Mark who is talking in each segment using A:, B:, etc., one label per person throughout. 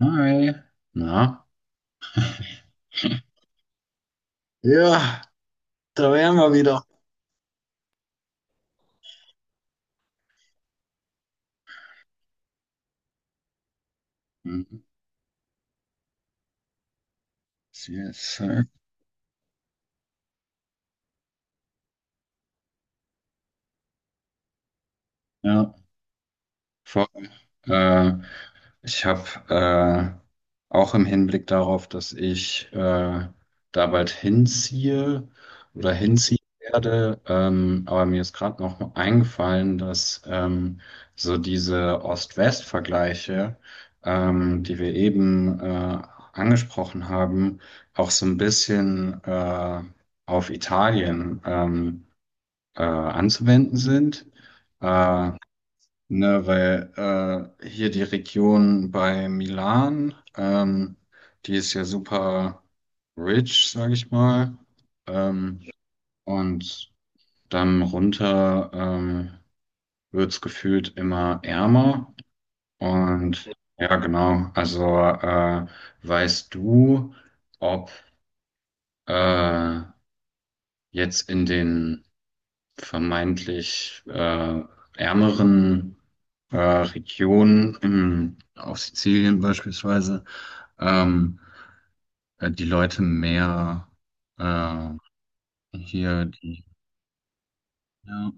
A: Hi, na? Ja, da wären wir wieder. Mhm. CSI. Ja. Voll. Äh, Ich habe äh, auch im Hinblick darauf, dass ich da bald hinziehe oder hinziehen werde, aber mir ist gerade noch eingefallen, dass so diese Ost-West-Vergleiche, die wir eben angesprochen haben, auch so ein bisschen auf Italien anzuwenden sind. Äh, Ne, weil hier die Region bei Milan, die ist ja super rich, sage ich mal. Ähm, und dann runter wird's gefühlt immer ärmer. Und ja, genau. Also weißt du, ob äh, jetzt in den vermeintlich ärmeren Regionen, in, auf Sizilien beispielsweise, ähm, die Leute mehr äh, hier die. Ja,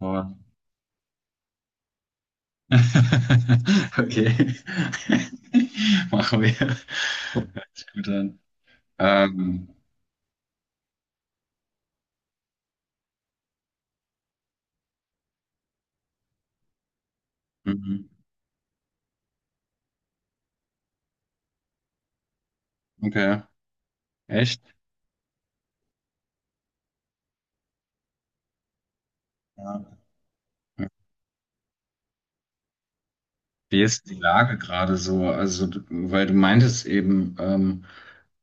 A: aber- Okay, machen wir. Hört sich gut an. Ähm, mhm. Okay, echt? Ja. Wie ist die Lage gerade so? Also, weil du meintest eben, ähm,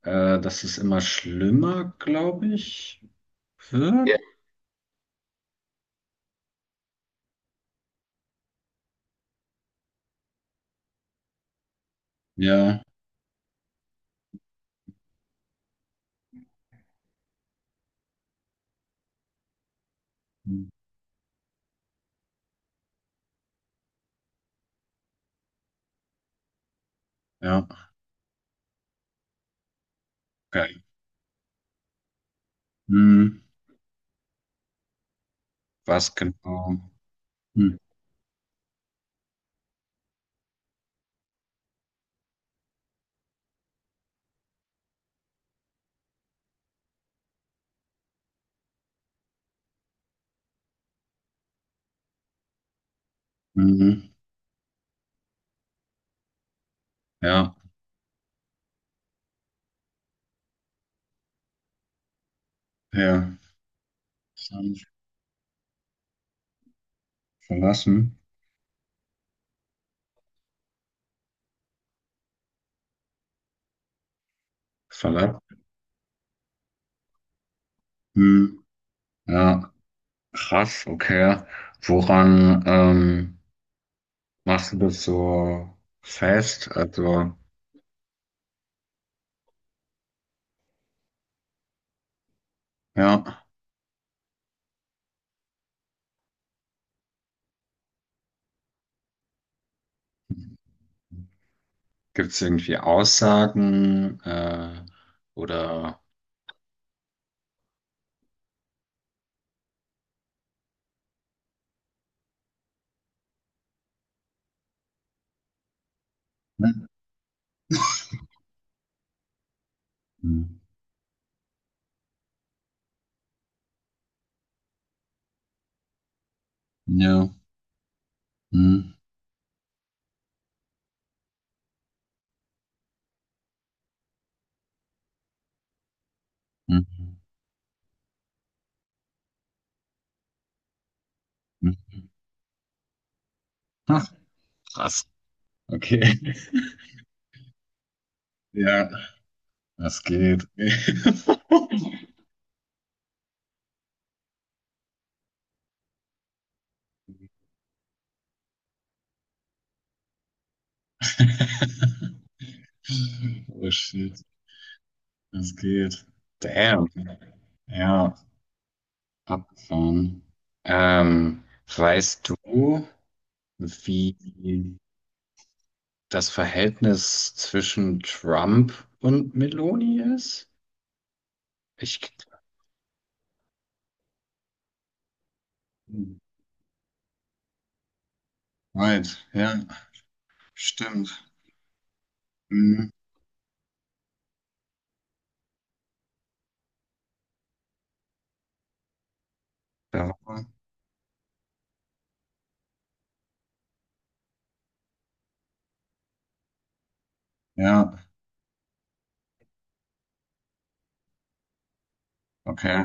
A: äh, dass es immer schlimmer, glaube ich, wird. Ja. Ja, hm. Ja, okay. Hm. Was genau? Hm. Mhm. Ja, ja. Verlassen. Verlassen. Hm. Ja, krass, okay. Woran machst du das so fest? Also, ja. Gibt es irgendwie Aussagen oder hm. Hm. Ja. Hm. Hm. Hm. Ach, krass. Okay. Ja, das geht. Oh shit, das geht. Damn. Ja, abgefahren. Ähm, Weißt du, wie das Verhältnis zwischen Trump und Meloni ist? Ich Right, ja, stimmt. Mhm. Da, ja, okay.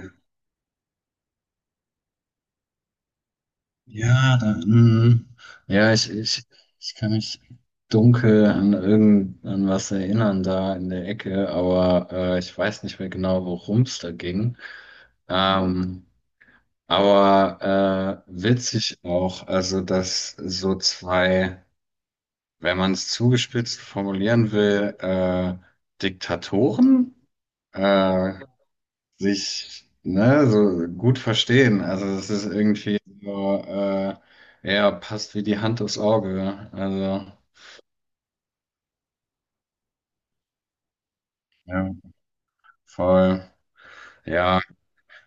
A: Ja, da, mhm. Ja, ich kann mich dunkel an irgend an was erinnern da in der Ecke, aber ich weiß nicht mehr genau, worum es da ging. Ähm, aber witzig auch, also dass so zwei, wenn man es zugespitzt formulieren will, Diktatoren äh, sich ne, so gut verstehen. Also das ist irgendwie so, ja, passt wie die Hand aufs Auge. Also ja, voll. Ja,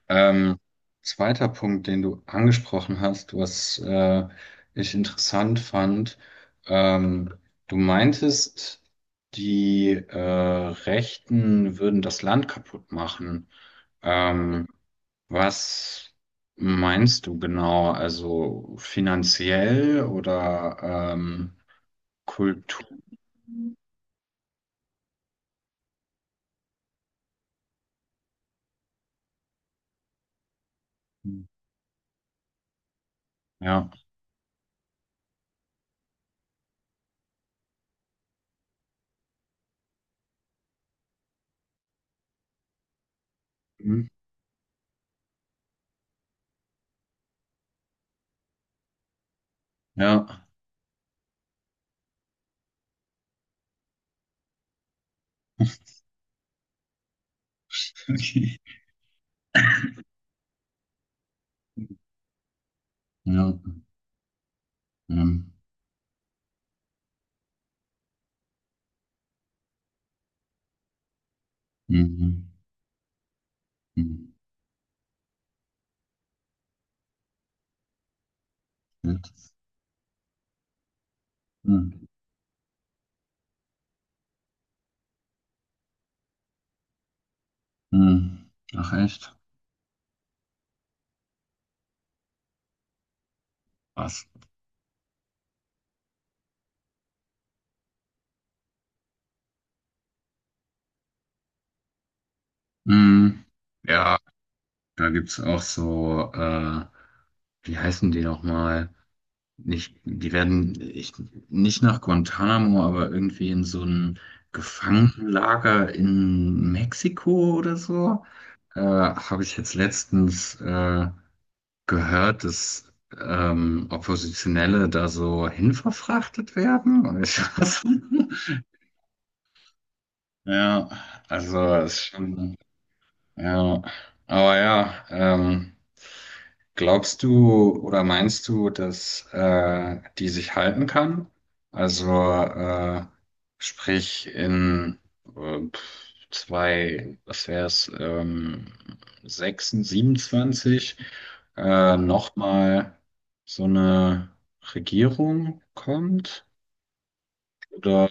A: ähm, zweiter Punkt, den du angesprochen hast, was ich interessant fand, ähm, du meintest, die Rechten würden das Land kaputt machen. Ähm, Was meinst du genau? Also finanziell oder Kultur? Ja. Hm? Ja. Okay. Ja. Hm. Mhm. Hm. Shit. Hm. Hm. Ach echt? Was? Hm. Ja, da gibt's auch so, wie heißen die nochmal? Nicht, die werden ich, nicht nach Guantanamo, aber irgendwie in so ein Gefangenenlager in Mexiko oder so. Habe ich jetzt letztens gehört, dass Oppositionelle da so hinverfrachtet werden. Und ich, ja, also es ist schon. Ja, aber ja, glaubst du oder meinst du, dass die sich halten kann? Also äh, sprich in zwei, was wäre es, 6, 27 nochmal so eine Regierung kommt? Oder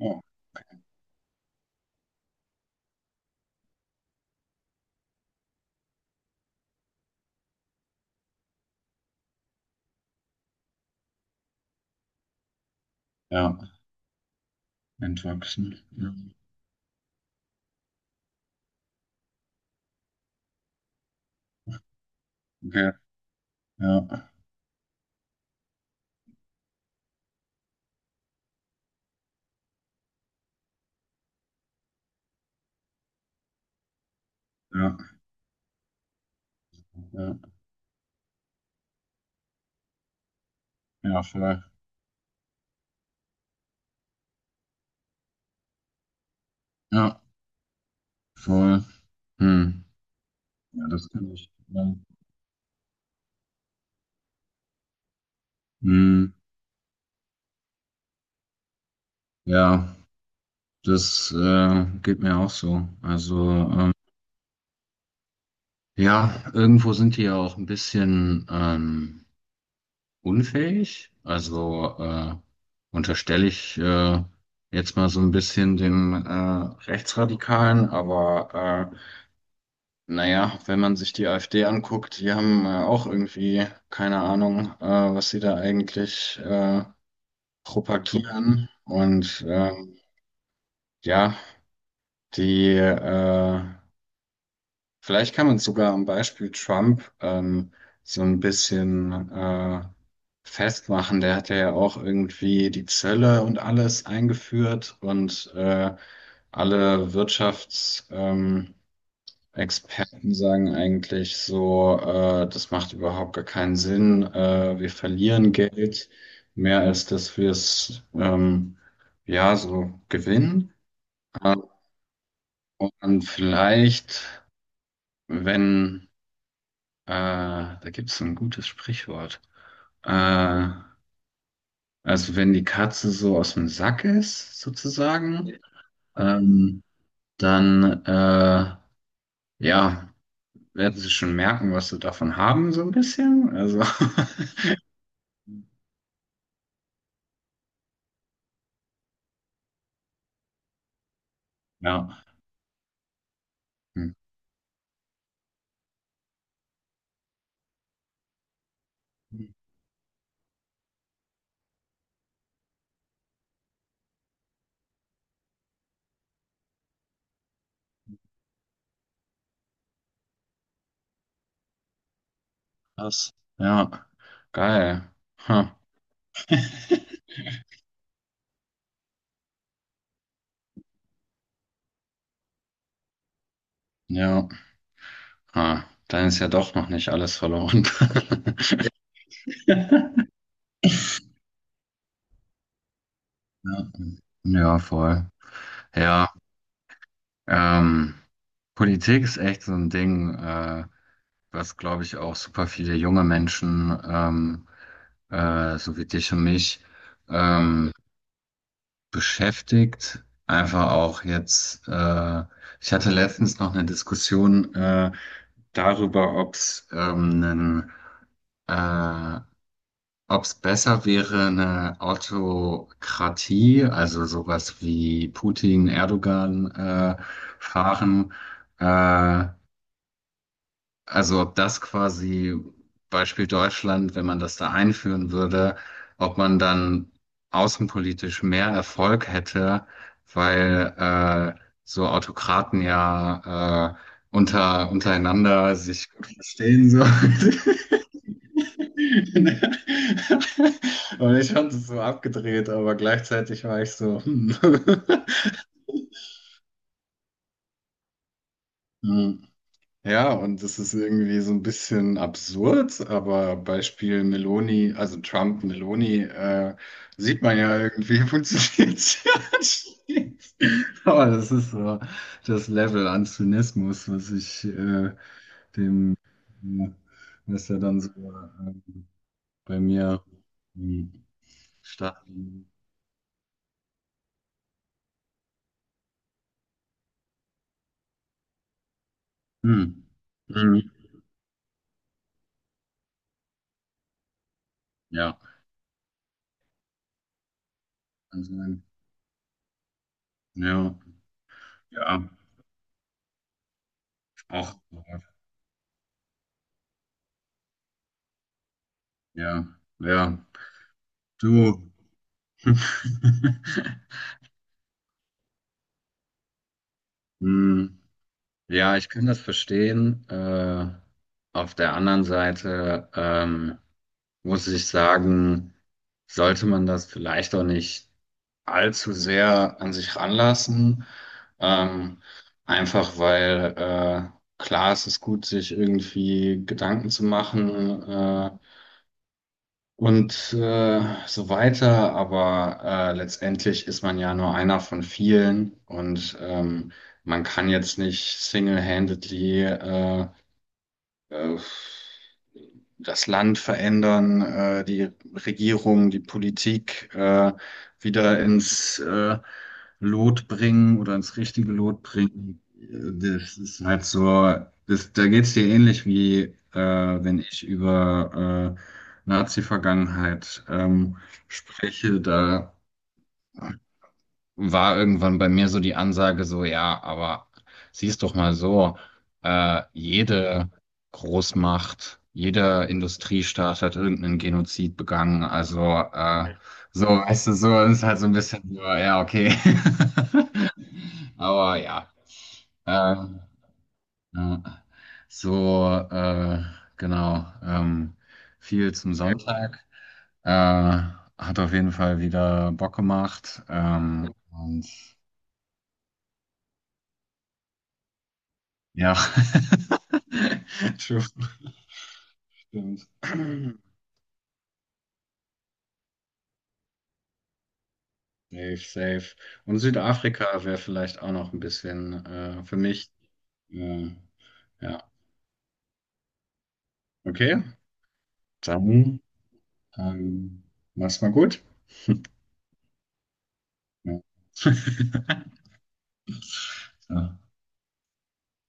A: oh, ja, entwachsen. Ja. Okay, ja, ja, ja, ja, voll. Ja. Voll. Hm. Ja, das kann ich. Ja. Hm. Ja, das geht mir auch so. Also, ja, irgendwo sind die ja auch ein bisschen unfähig. Also unterstelle ich jetzt mal so ein bisschen dem Rechtsradikalen, aber naja, wenn man sich die AfD anguckt, die haben auch irgendwie keine Ahnung, was sie da eigentlich propagieren. Und ja, die, vielleicht kann man sogar am Beispiel Trump so ein bisschen festmachen. Der hat ja auch irgendwie die Zölle und alles eingeführt und alle Wirtschaftsexperten Experten sagen eigentlich so, das macht überhaupt gar keinen Sinn. Wir verlieren Geld mehr als dass wir es ja so gewinnen. Äh, und vielleicht. Wenn, da gibt es ein gutes Sprichwort. Äh, also wenn die Katze so aus dem Sack ist, sozusagen, ähm, dann, ja, werden sie schon merken, was sie davon haben, so ein bisschen. Also, ja. Hm. Krass. Ja, geil. Ha. Ja, ha. Dann ist ja doch noch nicht alles verloren. Ja, ja, voll. Ja. Ähm, Politik ist echt so ein Ding, was, glaube ich, auch super viele junge Menschen, so wie dich und mich, ähm, beschäftigt. Einfach auch jetzt, ich hatte letztens noch eine Diskussion, darüber, ob es einen äh, ob es besser wäre, eine Autokratie, also sowas wie Putin, Erdogan fahren, äh, also ob das quasi Beispiel Deutschland, wenn man das da einführen würde, ob man dann außenpolitisch mehr Erfolg hätte, weil so Autokraten ja untereinander sich gut verstehen so. Und ich fand es so abgedreht, aber gleichzeitig war ich so, hm. Hm. Ja, und das ist irgendwie so ein bisschen absurd, aber Beispiel Meloni, also Trump, Meloni, sieht man ja irgendwie, funktioniert es ja anschließend. Aber das ist so das Level an Zynismus, was ich dem, äh, was ja dann so bei mir hm, stark. Hm. Mhm. Ja, kann sein. Ja, ja, auch, ja, ja, du. Hm. Ja, ich kann das verstehen. Auf der anderen Seite muss ich sagen, sollte man das vielleicht auch nicht allzu sehr an sich ranlassen. Ähm, Einfach weil klar, es ist gut, sich irgendwie Gedanken zu machen. Und so weiter. Aber letztendlich ist man ja nur einer von vielen und man kann jetzt nicht single-handedly äh, das Land verändern, die Regierung, die Politik wieder ins Lot bringen oder ins richtige Lot bringen. Das ist halt so, das, da geht's dir ähnlich wie wenn ich über Nazi-Vergangenheit spreche. Da war irgendwann bei mir so die Ansage so, ja, aber siehst doch mal so, jede Großmacht, jeder Industriestaat hat irgendeinen Genozid begangen. Also äh, so, weißt du, so ist halt so ein bisschen so, ja, okay. Aber ja, ähm, ja, so, genau, viel zum Sonntag. Äh, Hat auf jeden Fall wieder Bock gemacht. Und ja. True. Stimmt. Safe, safe. Und Südafrika wäre vielleicht auch noch ein bisschen für mich. Äh, ja. Okay, dann ähm, mach's mal gut. Ja. So.